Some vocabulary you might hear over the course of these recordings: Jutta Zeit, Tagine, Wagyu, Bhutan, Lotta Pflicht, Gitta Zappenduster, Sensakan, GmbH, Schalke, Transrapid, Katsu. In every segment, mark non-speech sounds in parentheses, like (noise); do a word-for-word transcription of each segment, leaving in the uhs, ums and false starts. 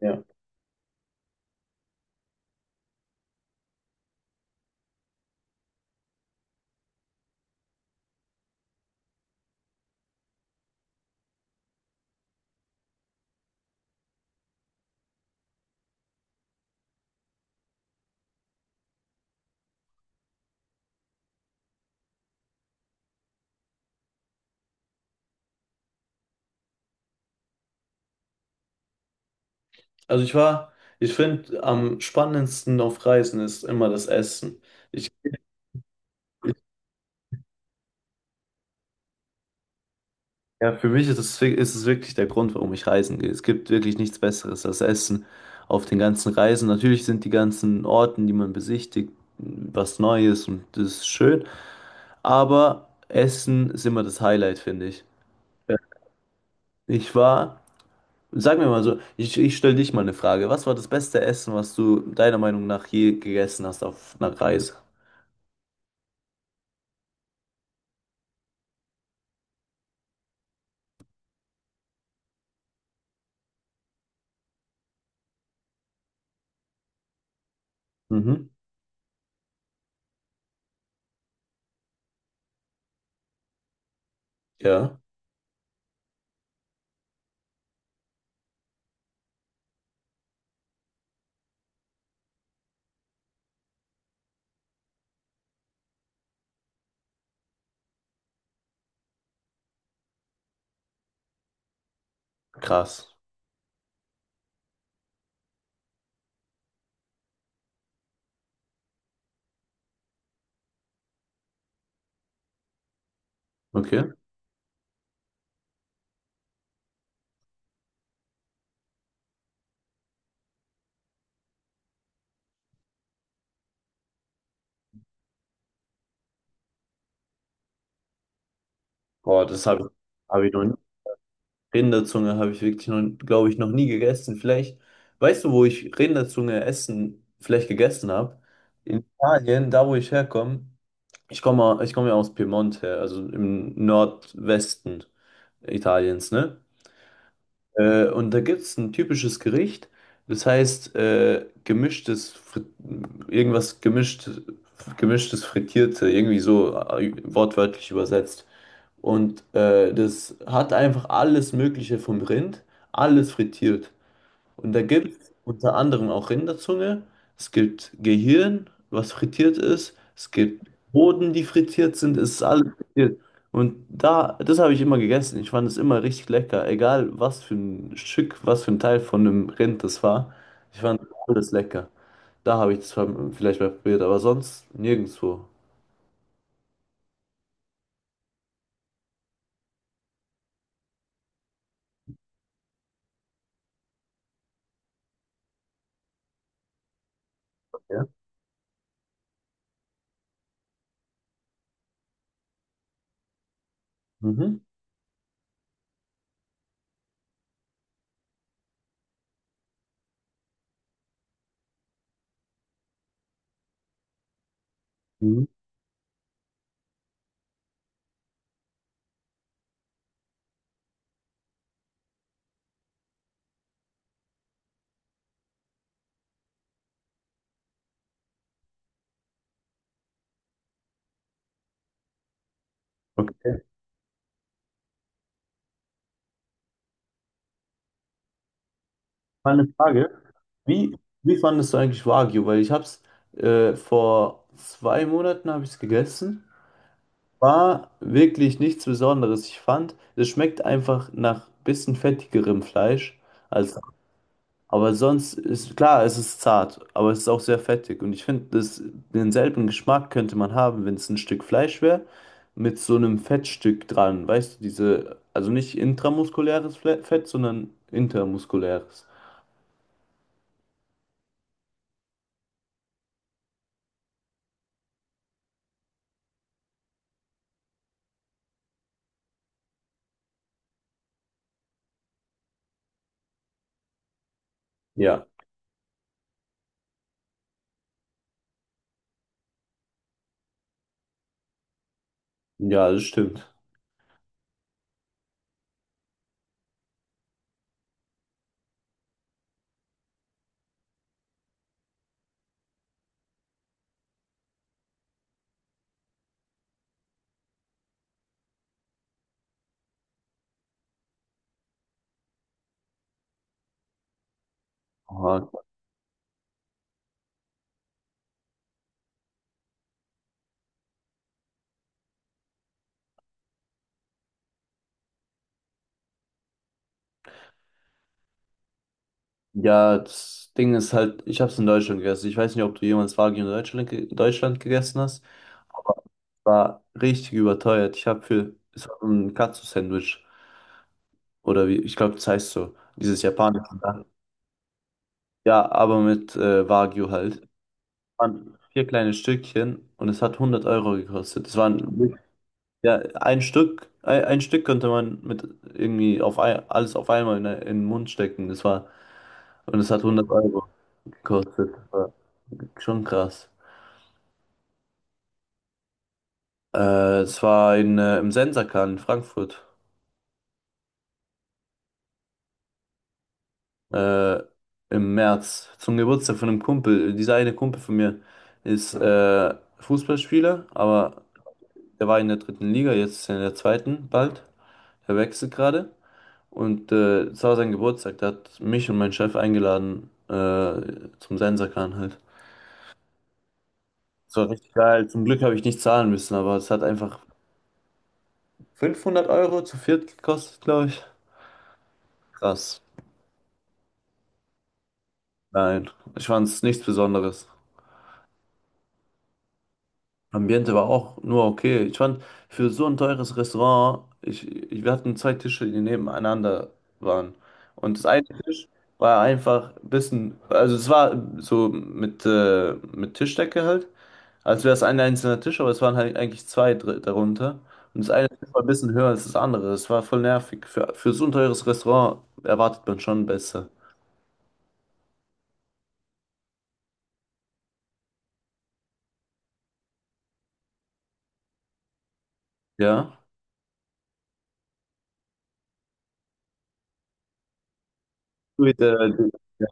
Ja. Also ich war, Ich finde, am spannendsten auf Reisen ist immer das Essen. Ich, ja, für mich ist es, ist es wirklich der Grund, warum ich reisen gehe. Es gibt wirklich nichts Besseres als Essen auf den ganzen Reisen. Natürlich sind die ganzen Orten, die man besichtigt, was Neues und das ist schön. Aber Essen ist immer das Highlight, finde ich. Ja. Ich war, Sag mir mal so, ich, ich stelle dich mal eine Frage. Was war das beste Essen, was du deiner Meinung nach je gegessen hast auf einer Reise? Mhm. Ja. Krass. Okay. Boah, das habe ich, hab ich noch nie. Rinderzunge habe ich wirklich noch, glaube ich, noch nie gegessen. Vielleicht, weißt du, wo ich Rinderzunge essen, vielleicht gegessen habe? In Italien, da wo ich herkomme. Ich komme, ich komme ja aus Piemont her, also im Nordwesten Italiens, ne? Äh, und da gibt es ein typisches Gericht, das heißt äh, gemischtes, Fri- irgendwas gemischt, gemischtes Frittierte, irgendwie so äh, wortwörtlich übersetzt. Und äh, das hat einfach alles Mögliche vom Rind, alles frittiert. Und da gibt es unter anderem auch Rinderzunge, es gibt Gehirn, was frittiert ist, es gibt Hoden, die frittiert sind, es ist alles frittiert. Und da, das habe ich immer gegessen. Ich fand es immer richtig lecker, egal was für ein Stück, was für ein Teil von einem Rind das war. Ich fand alles lecker. Da habe ich es vielleicht mal probiert, aber sonst nirgendwo. Ja. Mhm. Mhm. Okay. Mal eine Frage. Wie, Wie fandest du eigentlich Wagyu? Weil ich habe es äh, vor zwei Monaten habe ich es gegessen. War wirklich nichts Besonderes. Ich fand, es schmeckt einfach nach bisschen fettigerem Fleisch als. Aber sonst ist klar, es ist zart, aber es ist auch sehr fettig. Und ich finde, das- denselben Geschmack könnte man haben, wenn es ein Stück Fleisch wäre, mit so einem Fettstück dran. Weißt du, diese, also nicht intramuskuläres Fle- Fett, sondern intermuskuläres. Ja, ja, das stimmt. Ja, das Ding ist halt, ich habe es in Deutschland gegessen. Ich weiß nicht, ob du jemals Wagyu in Deutschland, ge- Deutschland gegessen hast, aber es war richtig überteuert. Ich habe für, es war so ein Katsu-Sandwich oder wie, ich glaube, das heißt so, dieses japanische. Da. Ja, aber mit äh, Wagyu halt. Waren vier kleine Stückchen und es hat hundert Euro gekostet. Es waren, ja, ein Stück, ein, ein Stück konnte man mit irgendwie auf ein, alles auf einmal in, in den Mund stecken. Das war. Und es hat hundert Euro gekostet. Das war schon krass. Äh, es war in, äh, im Sensakan in Frankfurt. Äh, Im März. Zum Geburtstag von einem Kumpel. Dieser eine Kumpel von mir ist äh, Fußballspieler, aber der war in der dritten Liga, jetzt ist er in der zweiten bald. Er wechselt gerade. Und äh, es war sein Geburtstag. Da hat mich und meinen Chef eingeladen äh, zum Sensakan halt. Es war richtig geil. Zum Glück habe ich nicht zahlen müssen, aber es hat einfach fünfhundert Euro zu viert kostet, glaube ich. Krass. Nein, ich fand es nichts Besonderes. Ambiente war auch nur okay. Ich fand für so ein teures Restaurant, ich, ich, wir hatten zwei Tische, die nebeneinander waren. Und das eine Tisch war einfach ein bisschen, also es war so mit, äh, mit Tischdecke halt, als wäre es ein einzelner Tisch, aber es waren halt eigentlich zwei dr- darunter. Und das eine Tisch war ein bisschen höher als das andere. Es war voll nervig. Für, für so ein teures Restaurant erwartet man schon besser. Ja. Mit, äh, die- ja.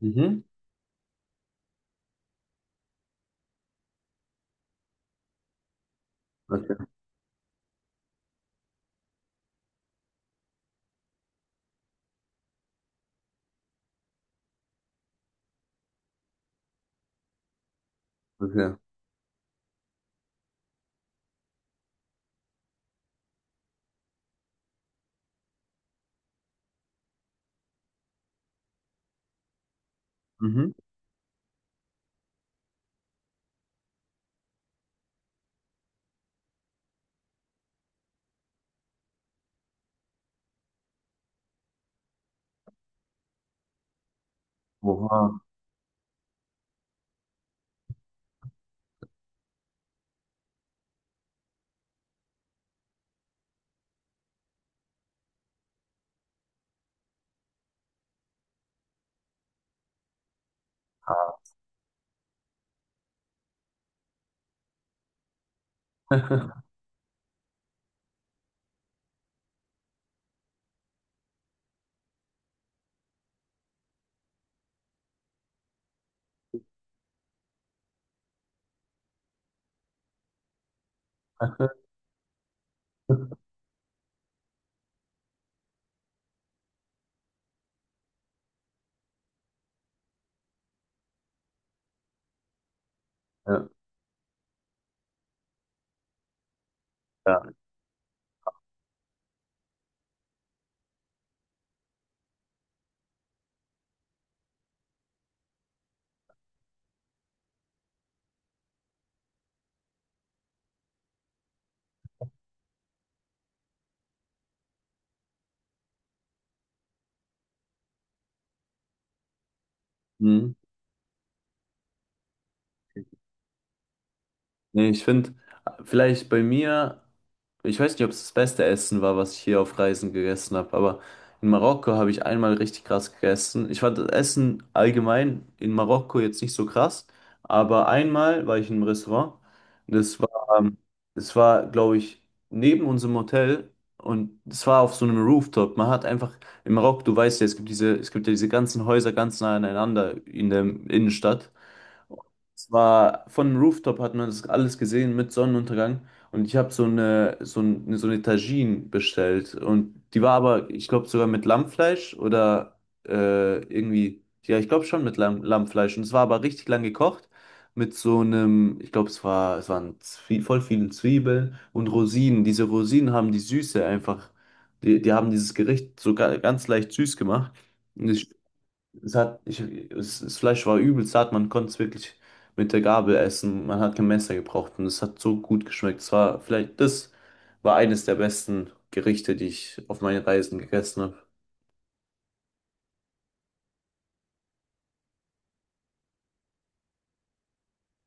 Mhm. Okay, okay. Mhm. Oha. (laughs) Ja. Ja. Mhm. Nee, ich finde, vielleicht bei mir, ich weiß nicht, ob es das beste Essen war, was ich hier auf Reisen gegessen habe, aber in Marokko habe ich einmal richtig krass gegessen. Ich fand das Essen allgemein in Marokko jetzt nicht so krass, aber einmal war ich in einem Restaurant. Das war, ähm, das war, glaube ich, neben unserem Hotel und es war auf so einem Rooftop. Man hat einfach in Marokko, du weißt ja, es gibt diese, es gibt ja diese ganzen Häuser ganz nah aneinander in der Innenstadt. Es war von dem Rooftop hat man das alles gesehen mit Sonnenuntergang und ich habe so eine so eine, so eine Tagine bestellt und die war aber ich glaube sogar mit Lammfleisch oder äh, irgendwie ja ich glaube schon mit Lamm, Lammfleisch und es war aber richtig lang gekocht mit so einem ich glaube es war es waren Zwie voll viele Zwiebeln und Rosinen, diese Rosinen haben die Süße einfach die, die haben dieses Gericht sogar ganz leicht süß gemacht. Es hat, ich, es, Das Fleisch war übelst hart, man konnte es wirklich mit der Gabel essen. Man hat kein Messer gebraucht und es hat so gut geschmeckt. Es war vielleicht, das war eines der besten Gerichte, die ich auf meinen Reisen gegessen habe.